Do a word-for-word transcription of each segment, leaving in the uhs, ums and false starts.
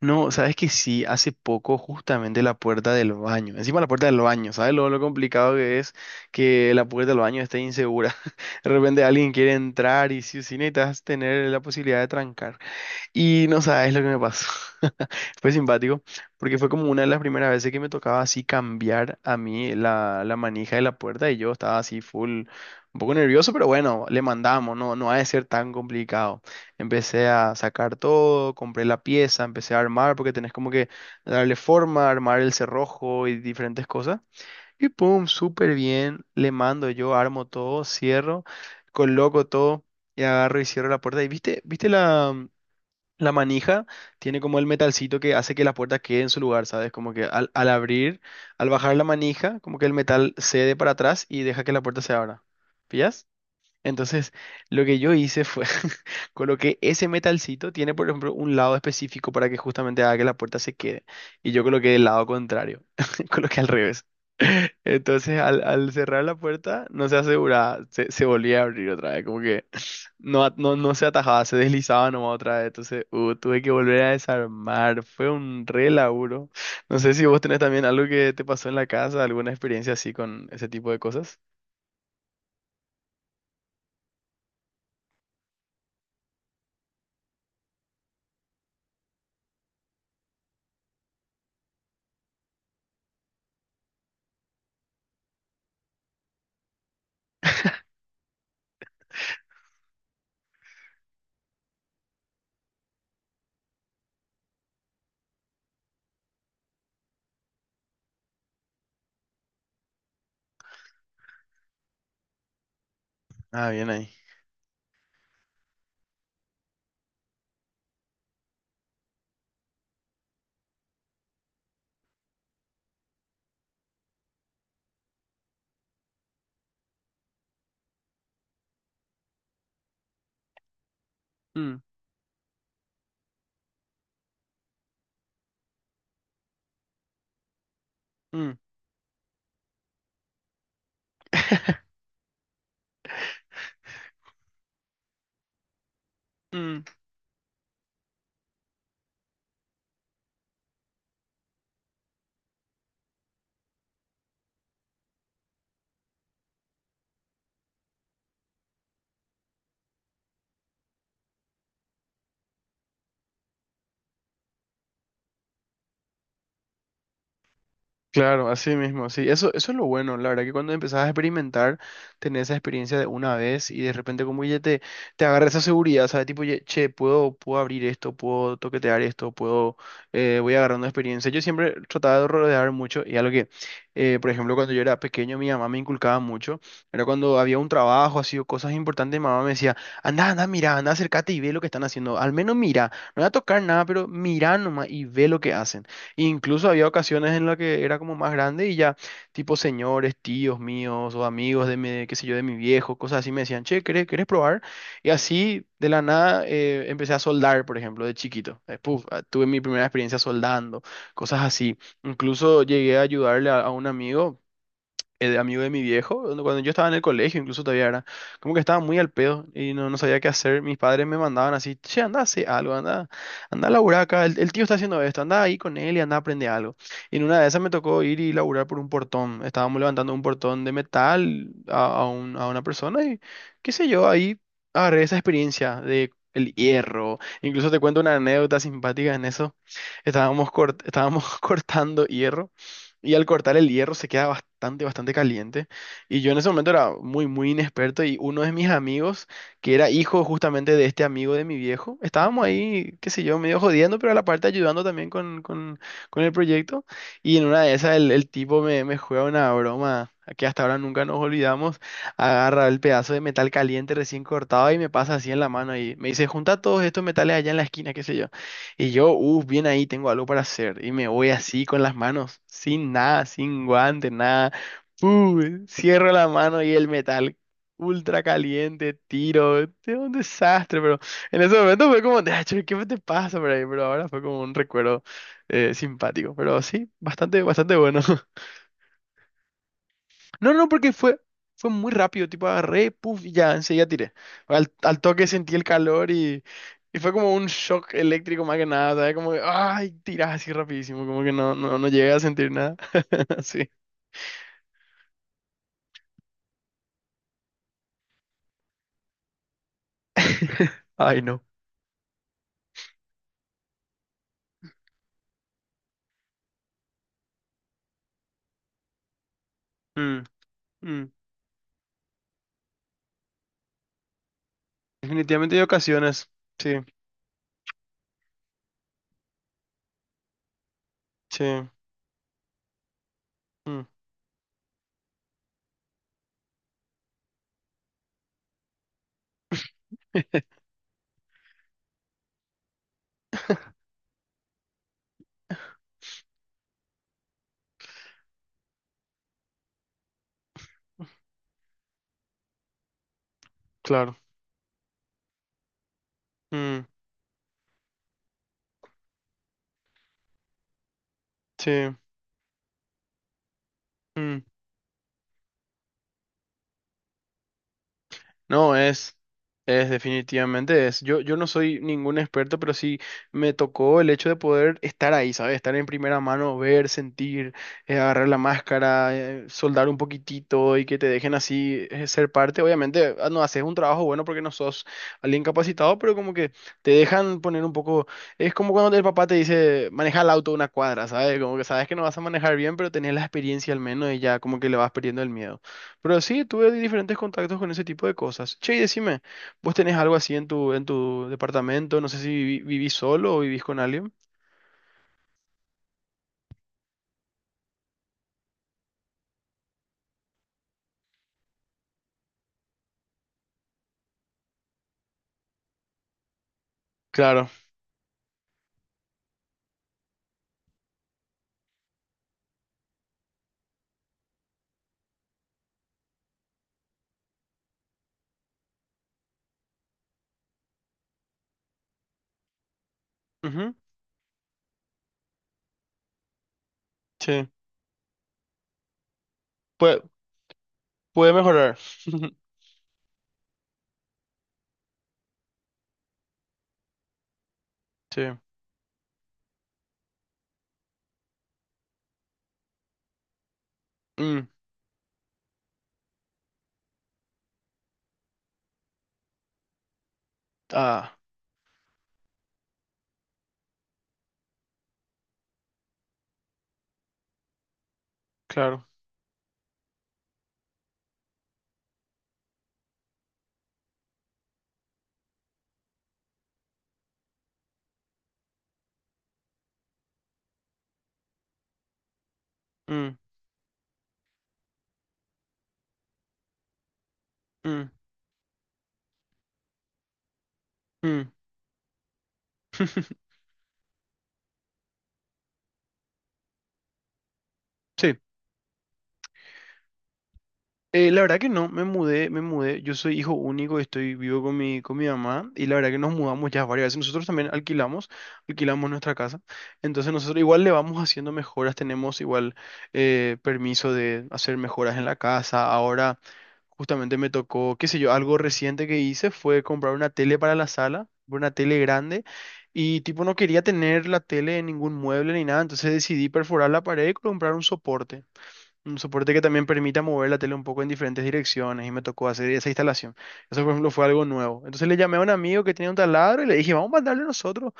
No, sabes que sí, hace poco justamente la puerta del baño, encima la puerta del baño, ¿sabes lo, lo complicado que es que la puerta del baño esté insegura? De repente alguien quiere entrar y si o sí necesitas tener la posibilidad de trancar. Y no sabes lo que me pasó. Fue simpático, porque fue como una de las primeras veces que me tocaba así cambiar a mí la, la manija de la puerta y yo estaba así full, un poco nervioso, pero bueno, le mandamos, no, no ha de ser tan complicado. Empecé a sacar todo, compré la pieza, empecé a armar, porque tenés como que darle forma, armar el cerrojo y diferentes cosas. Y pum, súper bien, le mando yo, armo todo, cierro, coloco todo y agarro y cierro la puerta. Y viste, viste la... La manija tiene como el metalcito que hace que la puerta quede en su lugar, ¿sabes? Como que al, al abrir, al bajar la manija, como que el metal cede para atrás y deja que la puerta se abra. ¿Pillas? Entonces, lo que yo hice fue, coloqué ese metalcito, tiene por ejemplo un lado específico para que justamente haga que la puerta se quede. Y yo coloqué el lado contrario, coloqué al revés. Entonces, al, al cerrar la puerta, no se aseguraba, se, se volvía a abrir otra vez, como que no, a- no, no se atajaba, se deslizaba nomás otra vez. Entonces, uh, tuve que volver a desarmar. Fue un re laburo. No sé si vos tenés también algo que te pasó en la casa, alguna experiencia así con ese tipo de cosas. Ah, bien ahí. Mm, mm, mm. Claro, así mismo, sí. Eso, eso es lo bueno, la verdad que cuando empezás a experimentar, tenés esa experiencia de una vez y de repente como que ya te, te agarra esa seguridad, ¿sabes? Tipo, ye- che, puedo, puedo abrir esto, puedo toquetear esto, puedo, eh, voy agarrando experiencia. Yo siempre trataba de rodear mucho y algo que, eh, por ejemplo, cuando yo era pequeño, mi mamá me inculcaba mucho, era cuando había un trabajo, así o cosas importantes, mi mamá me decía, anda, anda, mira, anda, acércate y ve lo que están haciendo, al menos mira, no voy a tocar nada, pero mira nomás y ve lo que hacen. Incluso había ocasiones en las que era como más grande y ya, tipo señores, tíos míos o amigos de mi, qué sé yo, de mi viejo, cosas así, me decían, che, ¿querés, querés probar? Y así, de la nada, eh, empecé a soldar, por ejemplo, de chiquito. Eh, puf, ah, tuve mi primera experiencia soldando, cosas así. Incluso llegué a ayudarle a, a un amigo, el amigo de mi viejo, cuando cuando yo estaba en el colegio, incluso todavía era, como que estaba muy al pedo y no, no sabía qué hacer. Mis padres me mandaban así, che, anda a hacer algo, anda, anda a laburar acá, el, el tío está haciendo esto, anda ahí con él y anda a aprender algo. Y en una de esas me tocó ir y laburar por un portón. Estábamos levantando un portón de metal a, a un- a una persona y qué sé yo, ahí agarré esa experiencia de... El hierro. Incluso te cuento una anécdota simpática en eso. Estábamos, cort- estábamos cortando hierro y al cortar el hierro se queda bastante, bastante caliente. Y yo en ese momento era muy, muy inexperto y uno de mis amigos, que era hijo justamente de este amigo de mi viejo, estábamos ahí, qué sé yo, medio jodiendo, pero a la parte ayudando también con, con, con el proyecto. Y en una de esas el, el tipo me, me juega una broma que hasta ahora nunca nos olvidamos. Agarra el pedazo de metal caliente recién cortado y me pasa así en la mano y me dice, junta todos estos metales allá en la esquina, qué sé yo. Y yo, uff, bien ahí, tengo algo para hacer. Y me voy así con las manos, sin nada, sin guante, nada. Pu, Cierro la mano y el metal ultra caliente, tiro. Es un desastre, pero en ese momento fue como, "Ah, che, ¿qué te pasa por ahí?". Pero ahora fue como un recuerdo eh, simpático. Pero sí, bastante, bastante bueno. No, no, porque fue, fue muy rápido, tipo agarré, puff, y ya, enseguida tiré. Al, al toque sentí el calor y, y fue como un shock eléctrico más que nada, ¿sabes? Como que, ay, tirás así rapidísimo, como que no, no, no llegué a sentir nada. Sí. Ay, no. Mm, mm. Definitivamente hay ocasiones. Sí, sí. Mm, claro. Mm, sí. Mm. No, es, es definitivamente es. Yo, yo no soy ningún experto, pero sí me tocó el hecho de poder estar ahí, ¿sabes? Estar en primera mano, ver, sentir, eh, agarrar la máscara, eh, soldar un poquitito y que te dejen así eh, ser parte. Obviamente, ah, no haces un trabajo bueno porque no sos alguien capacitado, pero como que te dejan poner un poco. Es como cuando el papá te dice, maneja el auto una cuadra, ¿sabes? Como que sabes que no vas a manejar bien, pero tenés la experiencia al menos y ya como que le vas perdiendo el miedo. Pero sí, tuve diferentes contactos con ese tipo de cosas. Che, y decime, ¿vos tenés algo así en tu, en tu departamento? No sé si vivi- vivís solo o vivís con alguien. Claro. Ujú, sí. Puede, puede mejorar. Sí. Mm, ah, claro. Mm, mm, mm. Sí. Eh, la verdad que no, me mudé, me mudé. Yo soy hijo único, estoy vivo con mi, con mi mamá y la verdad que nos mudamos ya varias veces. Nosotros también alquilamos, alquilamos nuestra casa. Entonces nosotros igual le vamos haciendo mejoras, tenemos igual eh, permiso de hacer mejoras en la casa. Ahora justamente me tocó, qué sé yo, algo reciente que hice fue comprar una tele para la sala, una tele grande y tipo no quería tener la tele en ningún mueble ni nada, entonces decidí perforar la pared y comprar un soporte. Un soporte que también permita mover la tele un poco en diferentes direcciones y me tocó hacer esa instalación. Eso, por ejemplo, fue algo nuevo. Entonces le llamé a un amigo que tenía un taladro y le dije, vamos a mandarle nosotros,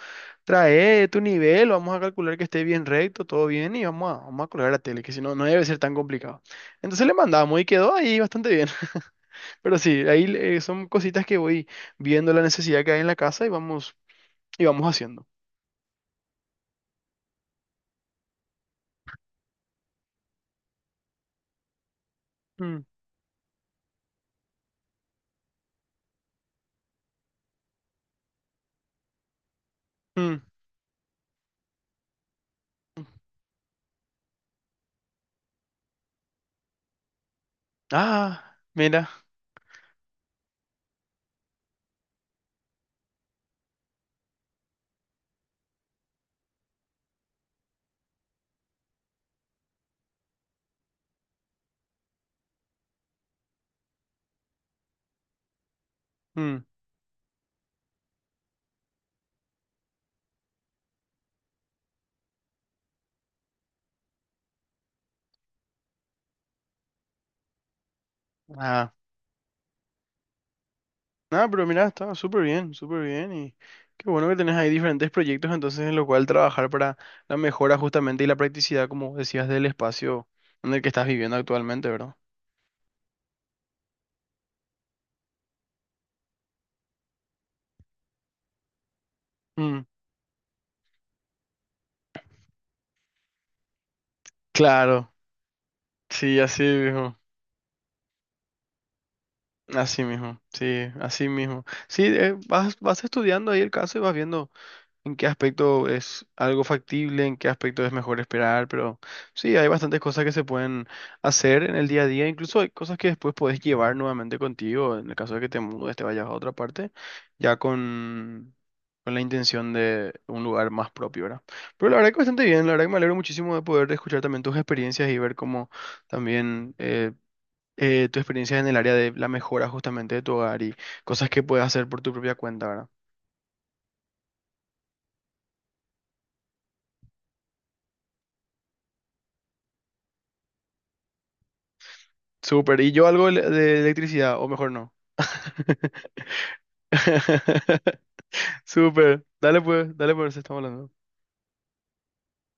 trae tu nivel, vamos a calcular que esté bien recto, todo bien y vamos a, vamos a colgar la tele, que si no, no debe ser tan complicado. Entonces le mandamos y quedó ahí bastante bien. Pero sí, ahí eh, son cositas que voy viendo la necesidad que hay en la casa y vamos, y vamos haciendo. Mm, mm. Ah, mira. Mm, ah. Nada, pero mira, estaba súper bien, súper bien y qué bueno que tenés ahí diferentes proyectos entonces en lo cual trabajar para la mejora justamente y la practicidad, como decías, del espacio en el que estás viviendo actualmente, ¿verdad? Mm, claro, sí, así mismo, así mismo, sí, así mismo. Sí, eh, vas, vas estudiando ahí el caso y vas viendo. En qué aspecto es algo factible, en qué aspecto es mejor esperar, pero sí, hay bastantes cosas que se pueden hacer en el día a día, incluso hay cosas que después podés llevar nuevamente contigo, en el caso de que te mudes, te vayas a otra parte, ya con, con la intención de un lugar más propio, ¿verdad? Pero la verdad que bastante bien, la verdad que me alegro muchísimo de poder escuchar también tus experiencias y ver cómo también... eh, eh, tu experiencia en el área de la mejora justamente de tu hogar y cosas que puedes hacer por tu propia cuenta, ¿verdad? Súper. ¿Y yo algo de de electricidad? O mejor no. Súper. Dale pues, dale pues, estamos hablando.